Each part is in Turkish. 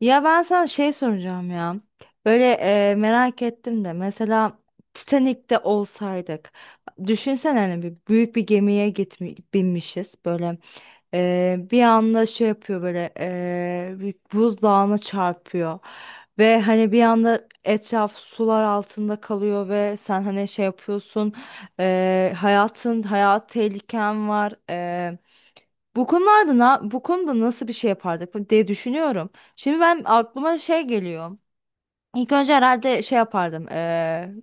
Ya ben sana şey soracağım ya. Böyle merak ettim de mesela Titanik'te olsaydık. Düşünsene hani bir büyük bir gemiye binmişiz. Böyle bir anda şey yapıyor böyle bir buzdağına çarpıyor. Ve hani bir anda etraf sular altında kalıyor ve sen hani şey yapıyorsun. Hayat tehliken var. Bu konuda nasıl bir şey yapardık diye düşünüyorum. Şimdi ben aklıma şey geliyor. İlk önce herhalde şey yapardım. eee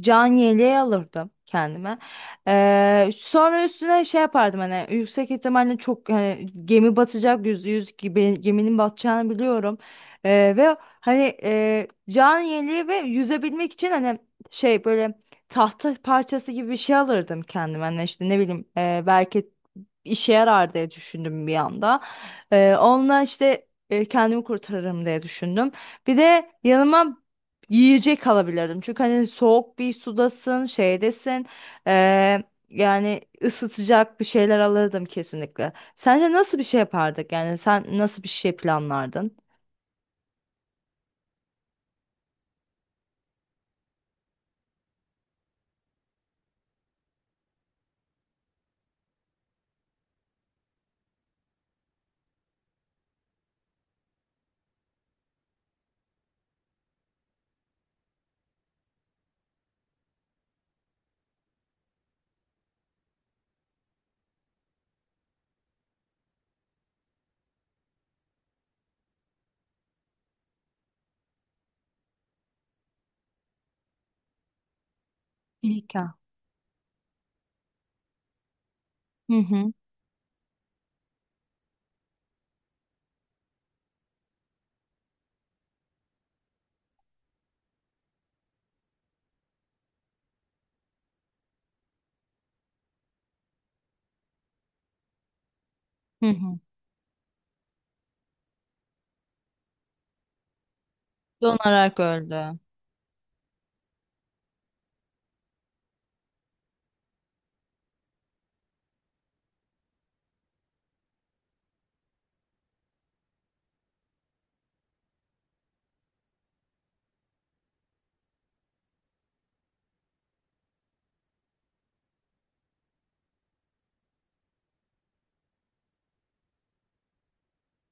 can yeleği alırdım kendime. Sonra üstüne şey yapardım hani yüksek ihtimalle çok hani gemi batacak %100 gibi geminin batacağını biliyorum. Ve hani can yeleği ve yüzebilmek için hani şey böyle tahta parçası gibi bir şey alırdım kendime. Hani işte ne bileyim belki işe yarar diye düşündüm bir anda. Onunla işte kendimi kurtarırım diye düşündüm. Bir de yanıma yiyecek alabilirdim. Çünkü hani soğuk bir sudasın, şeydesin. eee, yani ısıtacak bir şeyler alırdım kesinlikle. Sence nasıl bir şey yapardık? Yani sen nasıl bir şey planlardın? İlka. Hı hı. Hı hı. Donarak öldü.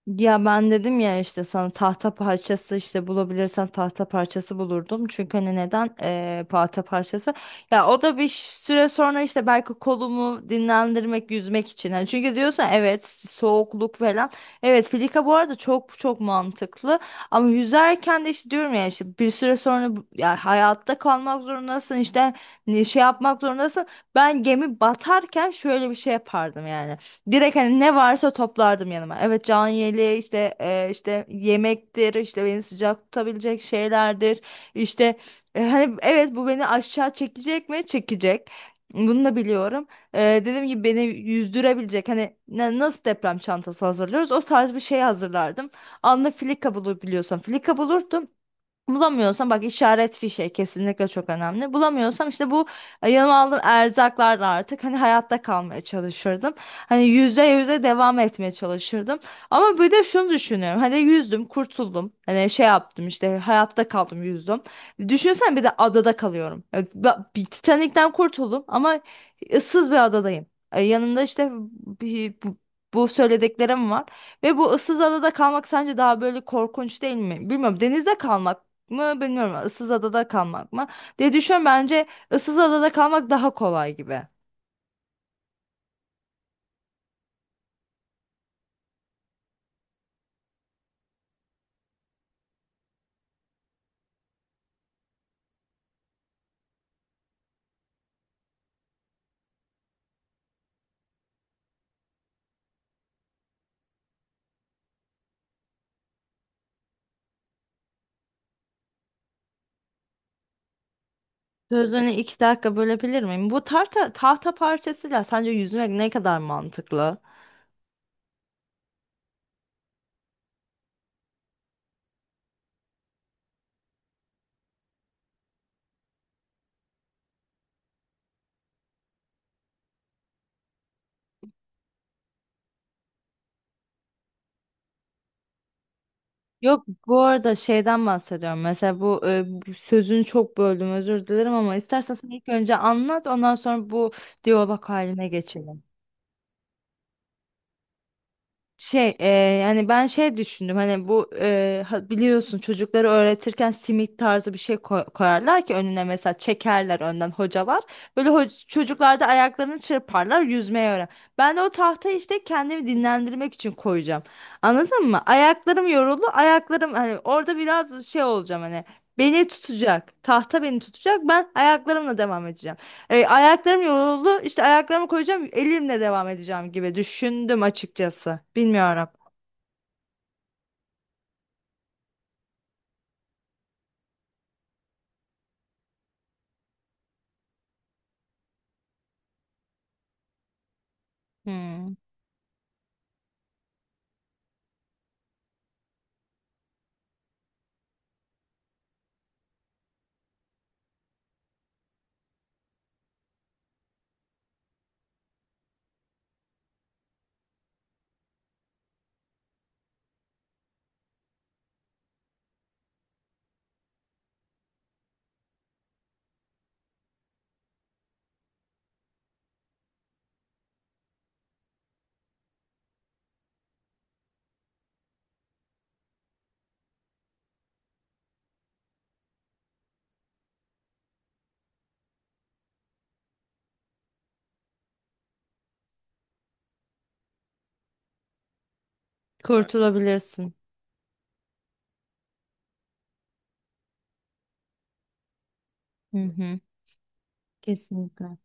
Ya ben dedim ya işte sana tahta parçası işte bulabilirsen tahta parçası bulurdum. Çünkü hani neden tahta parçası? Ya o da bir süre sonra işte belki kolumu dinlendirmek, yüzmek için. Hani çünkü diyorsun evet soğukluk falan. Evet filika bu arada çok çok mantıklı. Ama yüzerken de işte diyorum ya işte bir süre sonra ya hayatta kalmak zorundasın işte şey yapmak zorundasın. Ben gemi batarken şöyle bir şey yapardım yani. Direkt hani ne varsa toplardım yanıma. Evet can yeleği işte işte yemektir işte beni sıcak tutabilecek şeylerdir. İşte hani evet bu beni aşağı çekecek mi? Çekecek. Bunu da biliyorum. Dediğim gibi beni yüzdürebilecek hani nasıl deprem çantası hazırlıyoruz o tarz bir şey hazırlardım. Filika bulabiliyorsam filika bulurdum. Bulamıyorsam bak işaret fişe kesinlikle çok önemli. Bulamıyorsam işte bu yanıma aldığım erzaklarla artık hani hayatta kalmaya çalışırdım. Hani %100'e devam etmeye çalışırdım. Ama bir de şunu düşünüyorum. Hani yüzdüm, kurtuldum. Hani şey yaptım işte hayatta kaldım, yüzdüm. Düşünsen bir de adada kalıyorum. Evet, bir Titanik'ten kurtuldum ama ıssız bir adadayım. Yanımda işte bir, bu, bu söylediklerim var. Ve bu ıssız adada kalmak sence daha böyle korkunç değil mi? Bilmiyorum. Denizde kalmak mı bilmiyorum. Issız adada kalmak mı diye düşünüyorum. Bence ıssız adada kalmak daha kolay gibi. Sözünü 2 dakika bölebilir miyim? Bu tahta parçasıyla sence yüzmek ne kadar mantıklı? Yok bu arada şeyden bahsediyorum. Mesela bu sözünü çok böldüm özür dilerim ama istersen sen ilk önce anlat ondan sonra bu diyalog haline geçelim. Şey yani ben şey düşündüm hani bu biliyorsun çocukları öğretirken simit tarzı bir şey koyarlar ki önüne mesela çekerler önden hocalar. Böyle çocuklar da ayaklarını çırparlar yüzmeyi öğren. Ben de o tahtayı işte kendimi dinlendirmek için koyacağım. Anladın mı? Ayaklarım yoruldu ayaklarım hani orada biraz şey olacağım hani beni tutacak tahta beni tutacak ben ayaklarımla devam edeceğim. Ayaklarım yoruldu. İşte ayaklarımı koyacağım, elimle devam edeceğim gibi düşündüm açıkçası. Bilmiyorum. Hmm, evet. Kurtulabilirsin. Hı hı. Kesinlikle.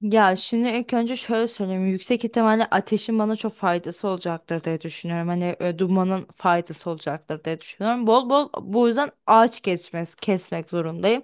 Ya şimdi ilk önce şöyle söyleyeyim. Yüksek ihtimalle ateşin bana çok faydası olacaktır diye düşünüyorum. Hani dumanın faydası olacaktır diye düşünüyorum. Bol bol bu yüzden ağaç kesmek zorundayım.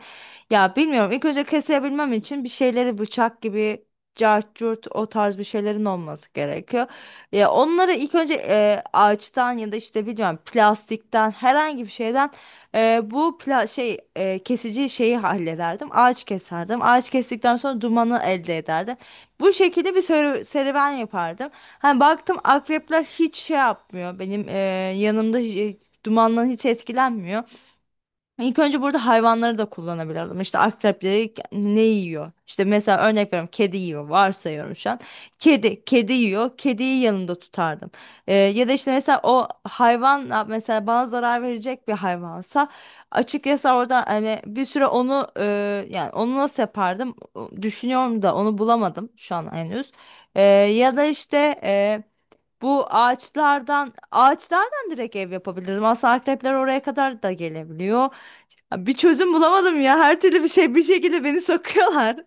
Ya bilmiyorum. İlk önce kesebilmem için bir şeyleri bıçak gibi cart curt o tarz bir şeylerin olması gerekiyor. Ya onları ilk önce ağaçtan ya da işte bilmiyorum plastikten herhangi bir şeyden bu şey kesici şeyi hallederdim. Ağaç keserdim. Ağaç kestikten sonra dumanı elde ederdim. Bu şekilde bir serüven yapardım. Hani baktım akrepler hiç şey yapmıyor. Benim yanımda dumandan hiç etkilenmiyor. İlk önce burada hayvanları da kullanabilirdim. İşte akrepleri ne yiyor? İşte mesela örnek veriyorum kedi yiyor. Varsayıyorum şu an. Kedi yiyor. Kediyi yanında tutardım. Ya da işte mesela o hayvan mesela bana zarar verecek bir hayvansa açıkçası orada hani bir süre onu yani onu nasıl yapardım? Düşünüyorum da onu bulamadım şu an henüz. Ya da işte e, bu ağaçlardan direkt ev yapabilirdim. Aslında akrepler oraya kadar da gelebiliyor. Ya bir çözüm bulamadım ya. Her türlü bir şey bir şekilde beni sokuyorlar.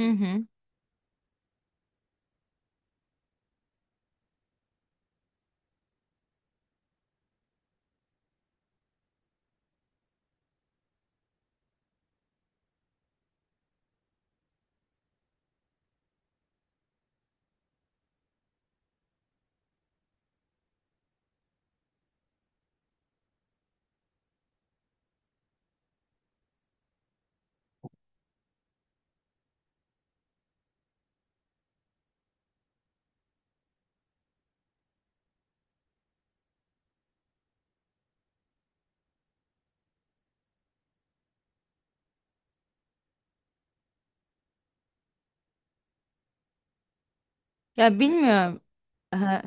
Hı hı. Ya bilmiyorum. Ha.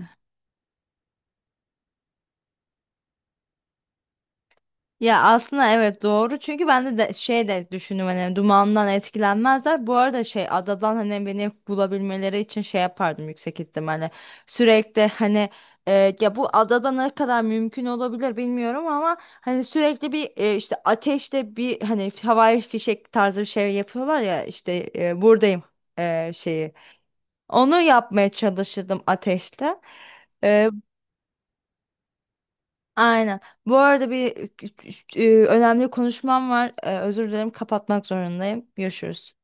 Ya aslında evet doğru çünkü ben de şey de düşündüm hani dumandan etkilenmezler. Bu arada şey adadan hani beni bulabilmeleri için şey yapardım yüksek ihtimalle. Sürekli hani e, ya bu adada ne kadar mümkün olabilir bilmiyorum ama hani sürekli bir işte ateşte bir hani havai fişek tarzı bir şey yapıyorlar ya işte buradayım şeyi. Onu yapmaya çalışırdım ateşte. Ee, aynen. Bu arada bir önemli konuşmam var. Özür dilerim kapatmak zorundayım. Görüşürüz.